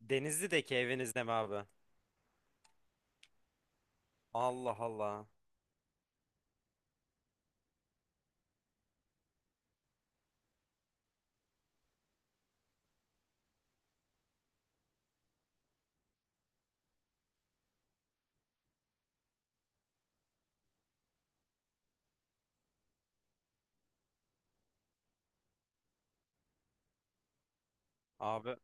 Denizli'deki evinizde mi abi? Allah Allah. Abi.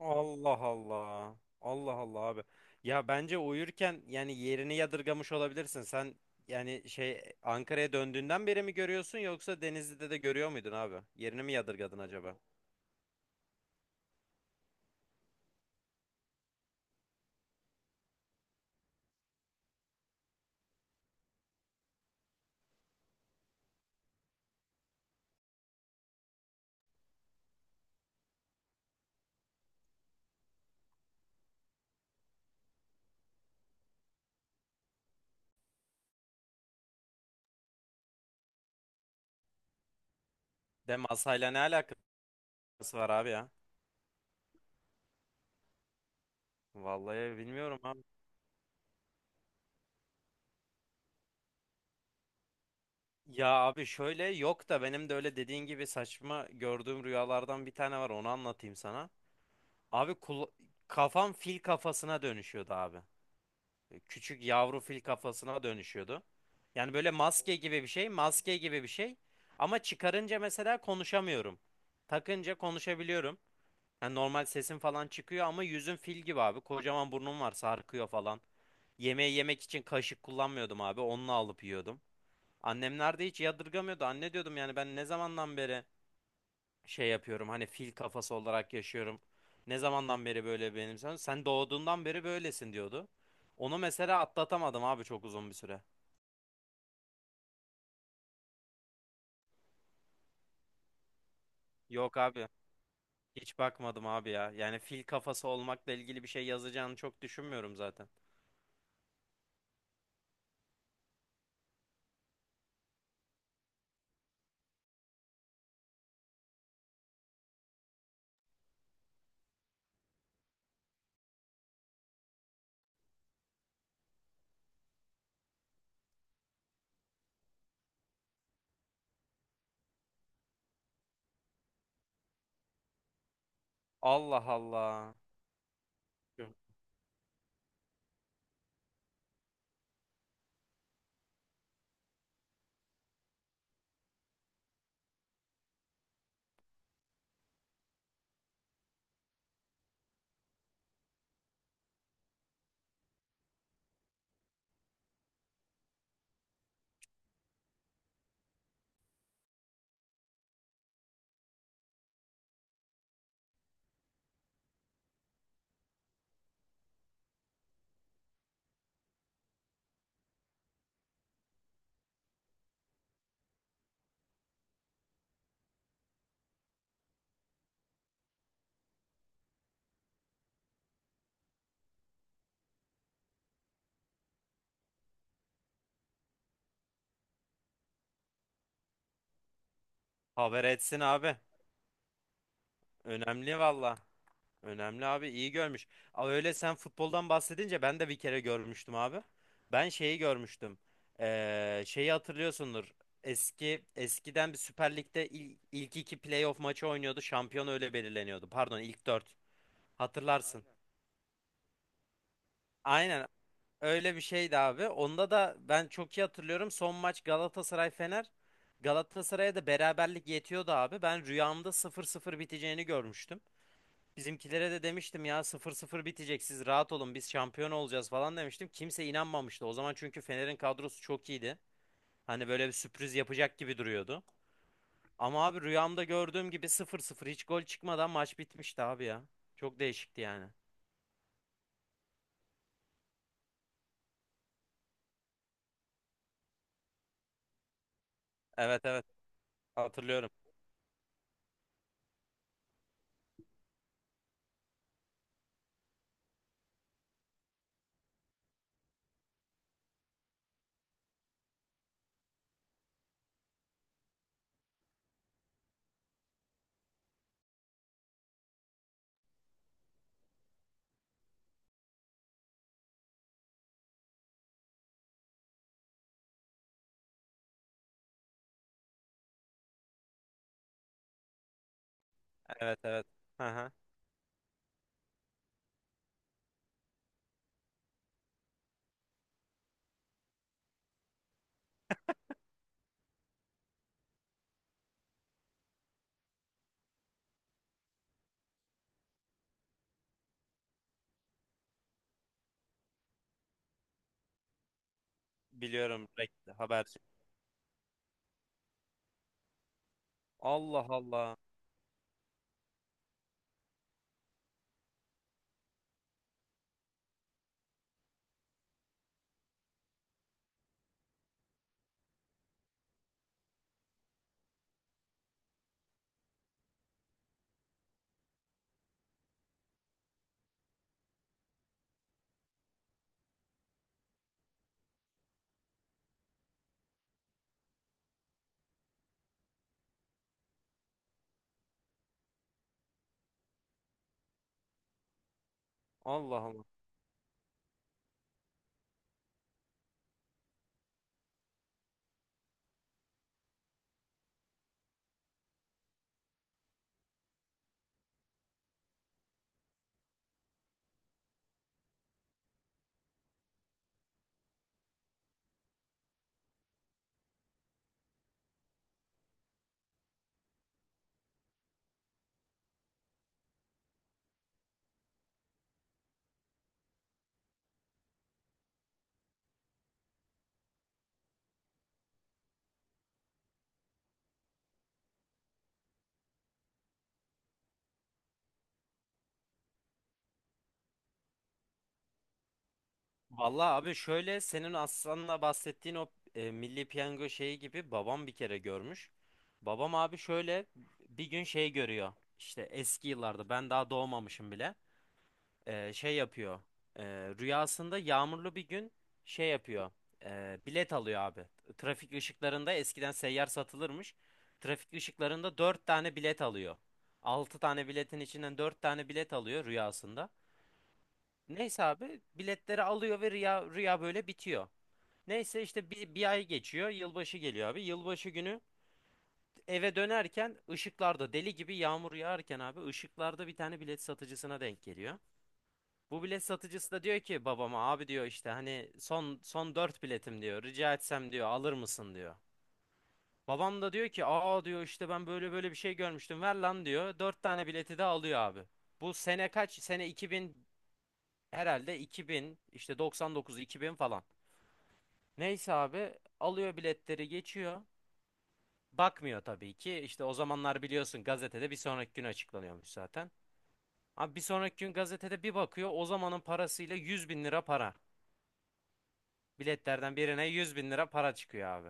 Allah Allah. Allah Allah abi. Ya bence uyurken yani yerini yadırgamış olabilirsin. Sen yani şey Ankara'ya döndüğünden beri mi görüyorsun, yoksa Denizli'de de görüyor muydun abi? Yerini mi yadırgadın acaba? De masayla ne alakası var abi ya? Vallahi bilmiyorum abi. Ya abi şöyle yok da benim de öyle dediğin gibi saçma gördüğüm rüyalardan bir tane var, onu anlatayım sana. Abi kafam fil kafasına dönüşüyordu abi. Küçük yavru fil kafasına dönüşüyordu. Yani böyle maske gibi bir şey, maske gibi bir şey. Ama çıkarınca mesela konuşamıyorum. Takınca konuşabiliyorum. Yani normal sesim falan çıkıyor ama yüzüm fil gibi abi. Kocaman burnum var, sarkıyor falan. Yemeği yemek için kaşık kullanmıyordum abi. Onunla alıp yiyordum. Annemler de hiç yadırgamıyordu. Anne diyordum, yani ben ne zamandan beri şey yapıyorum, hani fil kafası olarak yaşıyorum. Ne zamandan beri böyle benim sen? Sen doğduğundan beri böylesin diyordu. Onu mesela atlatamadım abi, çok uzun bir süre. Yok abi, hiç bakmadım abi ya. Yani fil kafası olmakla ilgili bir şey yazacağını çok düşünmüyorum zaten. Allah Allah. Haber etsin abi. Önemli valla. Önemli abi, iyi görmüş. Aa, öyle sen futboldan bahsedince ben de bir kere görmüştüm abi. Ben şeyi görmüştüm. Şeyi hatırlıyorsundur. Eskiden bir Süper Lig'de ilk iki playoff maçı oynuyordu. Şampiyon öyle belirleniyordu. Pardon, ilk dört. Hatırlarsın. Aynen öyle bir şeydi abi. Onda da ben çok iyi hatırlıyorum. Son maç Galatasaray Fener. Galatasaray'a da beraberlik yetiyordu abi. Ben rüyamda 0-0 biteceğini görmüştüm. Bizimkilere de demiştim ya, 0-0 bitecek, siz rahat olun, biz şampiyon olacağız falan demiştim. Kimse inanmamıştı. O zaman çünkü Fener'in kadrosu çok iyiydi. Hani böyle bir sürpriz yapacak gibi duruyordu. Ama abi rüyamda gördüğüm gibi 0-0 hiç gol çıkmadan maç bitmişti abi ya. Çok değişikti yani. Evet, evet, hatırlıyorum. Evet, evet. Hı hı. Biliyorum, haberci. Allah Allah. Allah Allah. Vallahi abi şöyle, senin Aslan'la bahsettiğin o Milli Piyango şeyi gibi babam bir kere görmüş. Babam abi şöyle bir gün şey görüyor. İşte eski yıllarda, ben daha doğmamışım bile. E, şey yapıyor. E, rüyasında yağmurlu bir gün şey yapıyor. E, bilet alıyor abi. Trafik ışıklarında eskiden seyyar satılırmış. Trafik ışıklarında 4 tane bilet alıyor. 6 tane biletin içinden 4 tane bilet alıyor rüyasında. Neyse abi biletleri alıyor ve rüya böyle bitiyor. Neyse işte bir ay geçiyor. Yılbaşı geliyor abi. Yılbaşı günü eve dönerken ışıklarda deli gibi yağmur yağarken abi ışıklarda bir tane bilet satıcısına denk geliyor. Bu bilet satıcısı da diyor ki babama, abi diyor, işte hani son 4 biletim diyor. Rica etsem diyor, alır mısın diyor. Babam da diyor ki aa diyor, işte ben böyle böyle bir şey görmüştüm, ver lan diyor. Dört tane bileti de alıyor abi. Bu sene kaç? Sene 2000 herhalde, 2000 işte, 99 2000 falan. Neyse abi alıyor biletleri, geçiyor. Bakmıyor tabii ki. İşte o zamanlar biliyorsun, gazetede bir sonraki gün açıklanıyormuş zaten. Abi bir sonraki gün gazetede bir bakıyor, o zamanın parasıyla 100.000 lira para. Biletlerden birine 100.000 lira para çıkıyor abi.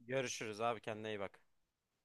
Görüşürüz abi, kendine iyi bak.